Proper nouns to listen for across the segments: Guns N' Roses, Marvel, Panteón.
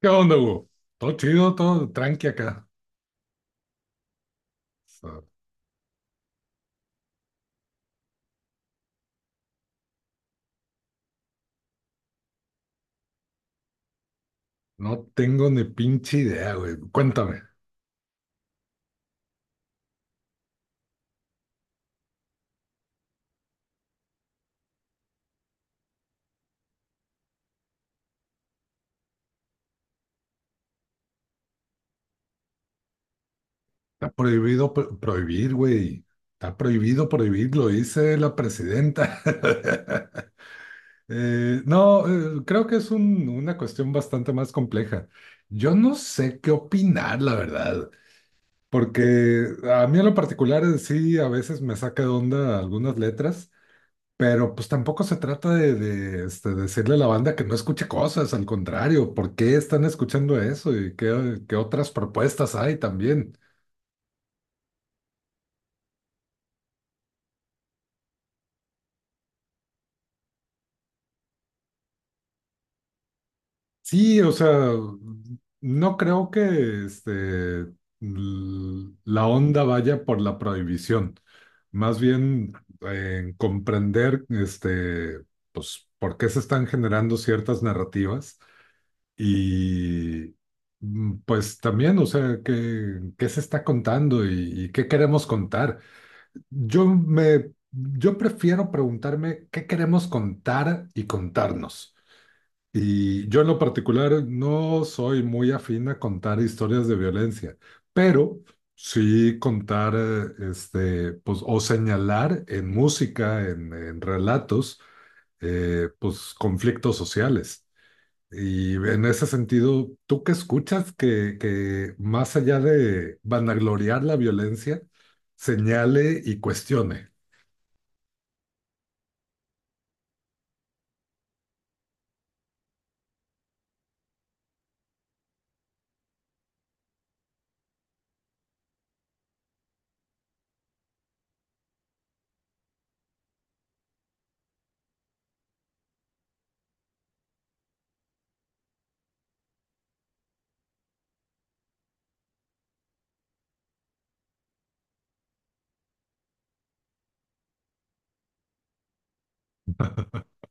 ¿Qué onda, Hugo? Todo chido, todo tranqui acá. O sea, no tengo ni pinche idea, güey. Cuéntame. Está prohibido prohibir, güey. Está prohibido prohibir, lo dice la presidenta. No, creo que es una cuestión bastante más compleja. Yo no sé qué opinar, la verdad, porque a mí en lo particular, sí, a veces me saca de onda algunas letras. Pero pues tampoco se trata de decirle a la banda que no escuche cosas, al contrario, ¿por qué están escuchando eso y qué otras propuestas hay también? Sí, o sea, no creo que la onda vaya por la prohibición, más bien en comprender pues, por qué se están generando ciertas narrativas. Y pues también, o sea, ¿qué, qué se está contando y qué queremos contar? Yo prefiero preguntarme qué queremos contar y contarnos. Y yo en lo particular no soy muy afín a contar historias de violencia, pero sí contar, pues, o señalar en música, en relatos, pues conflictos sociales. Y en ese sentido, ¿tú qué escuchas que más allá de vanagloriar la violencia, señale y cuestione?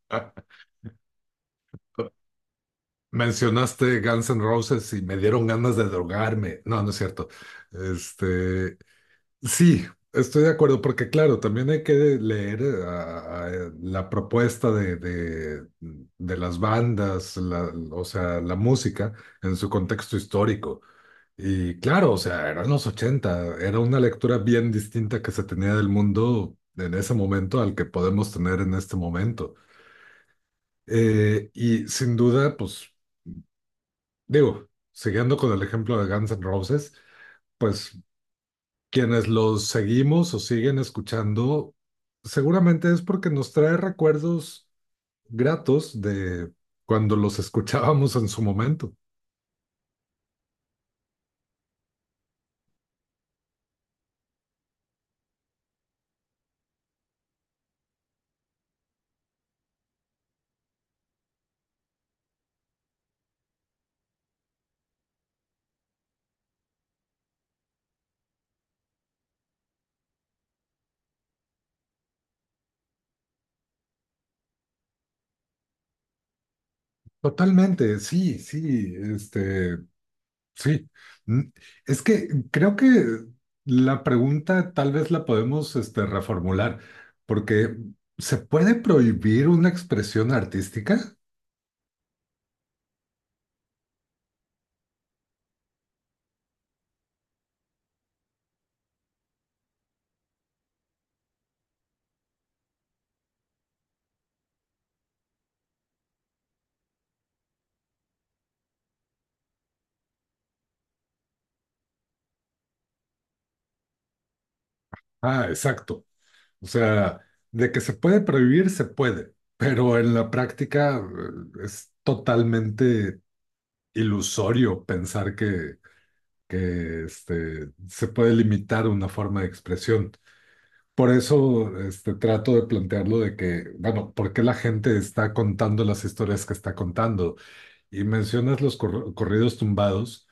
Mencionaste Guns N' Roses y me dieron ganas de drogarme. No, no es cierto. Este, sí, estoy de acuerdo, porque claro, también hay que leer, a la propuesta de las bandas, o sea, la música en su contexto histórico. Y claro, o sea, eran los ochenta, era una lectura bien distinta que se tenía del mundo en ese momento al que podemos tener en este momento. Y sin duda, pues digo, siguiendo con el ejemplo de Guns N' Roses, pues quienes los seguimos o siguen escuchando, seguramente es porque nos trae recuerdos gratos de cuando los escuchábamos en su momento. Totalmente, sí, sí, este. Sí, Mm, es que creo que la pregunta tal vez la podemos, reformular, porque ¿se puede prohibir una expresión artística? Ah, exacto. O sea, de que se puede prohibir, se puede, pero en la práctica, es totalmente ilusorio pensar que se puede limitar una forma de expresión. Por eso, trato de plantearlo de que, bueno, ¿por qué la gente está contando las historias que está contando? Y mencionas los corridos tumbados.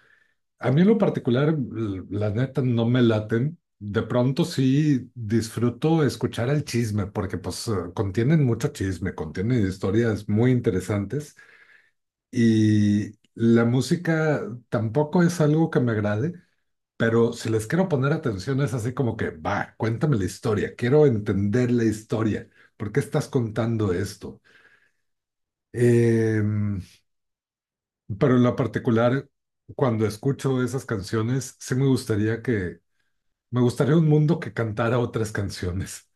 A mí en lo particular, la neta, no me laten. De pronto sí disfruto escuchar el chisme, porque pues, contienen mucho chisme, contienen historias muy interesantes. Y la música tampoco es algo que me agrade. Pero si les quiero poner atención, es así como que, va, cuéntame la historia, quiero entender la historia, ¿por qué estás contando esto? Em, pero en lo particular, cuando escucho esas canciones, sí me gustaría me gustaría un mundo que cantara otras canciones.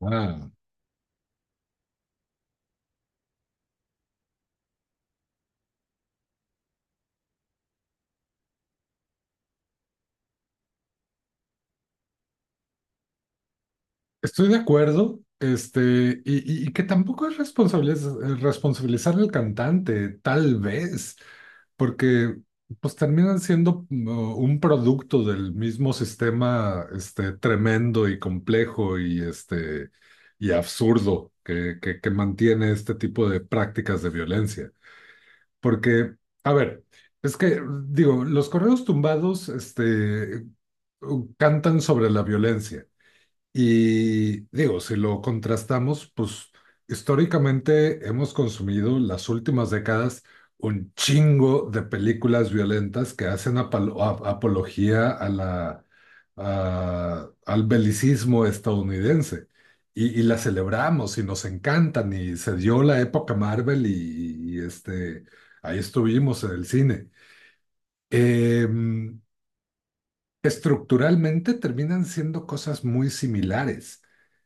Ah, estoy de acuerdo, y que tampoco es responsabilizar al cantante, tal vez, porque pues terminan siendo, un producto del mismo sistema, tremendo y complejo y y absurdo que mantiene este tipo de prácticas de violencia. Porque, a ver, es que digo, los correos tumbados, cantan sobre la violencia y digo, si lo contrastamos, pues históricamente hemos consumido las últimas décadas un chingo de películas violentas que hacen apología a la, al belicismo estadounidense. Y las celebramos y nos encantan y se dio la época Marvel y ahí estuvimos en el cine. Em, estructuralmente terminan siendo cosas muy similares.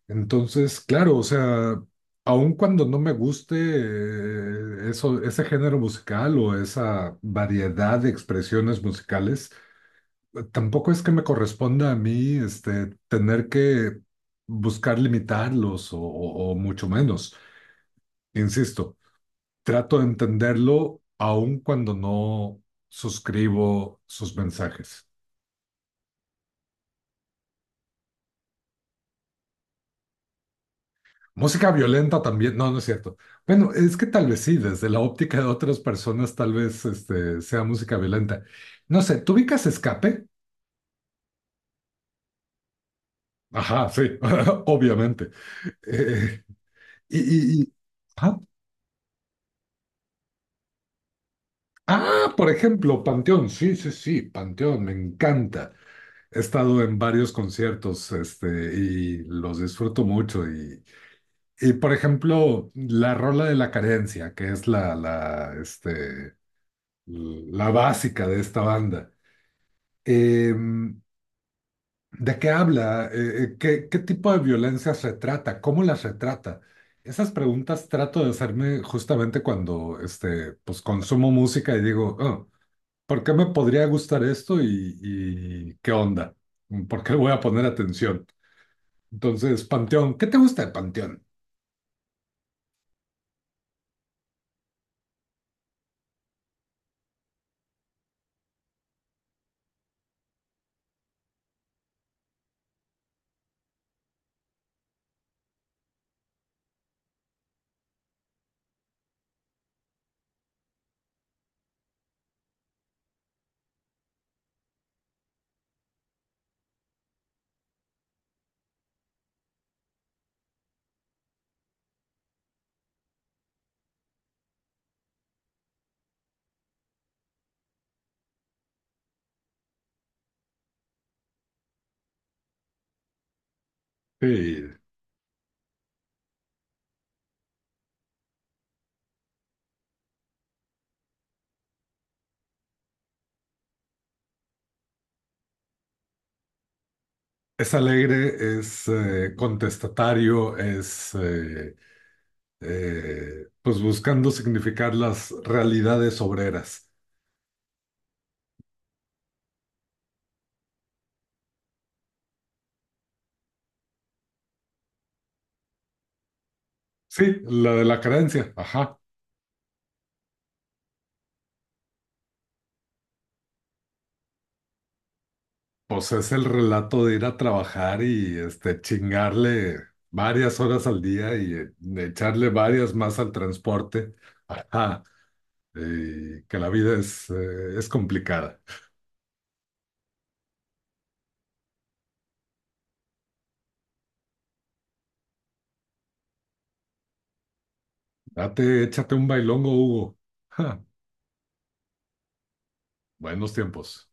Entonces, claro, o sea, aun cuando no me guste, eso, ese género musical o esa variedad de expresiones musicales, tampoco es que me corresponda a mí, tener que buscar limitarlos o mucho menos. Insisto, trato de entenderlo aun cuando no suscribo sus mensajes. Música violenta también, no, no es cierto. Bueno, es que tal vez sí, desde la óptica de otras personas, tal vez sea música violenta. No sé, ¿tú ubicas Escape? Ajá, sí, obviamente. Eh, y, y- y- ajá. Ah, por ejemplo, Panteón, sí, sí, sí, Panteón, me encanta. He estado en varios conciertos, y los disfruto mucho. Y, por ejemplo, la rola de la carencia, que es la básica de esta banda. Em, ¿De qué habla? ¿Qué, qué tipo de violencias retrata? ¿Cómo las retrata? Esas preguntas trato de hacerme justamente cuando, pues, consumo música y digo, "Oh, ¿por qué me podría gustar esto y qué onda? ¿Por qué voy a poner atención? Entonces, Panteón, ¿qué te gusta de Panteón?" Sí, es alegre, es, contestatario, es pues buscando significar las realidades obreras. Sí, la de la carencia, ajá. Pues es el relato de ir a trabajar y este chingarle varias horas al día y, echarle varias más al transporte. Ajá. Y que la vida es complicada. Date, échate un bailongo, Hugo. Ja, buenos tiempos.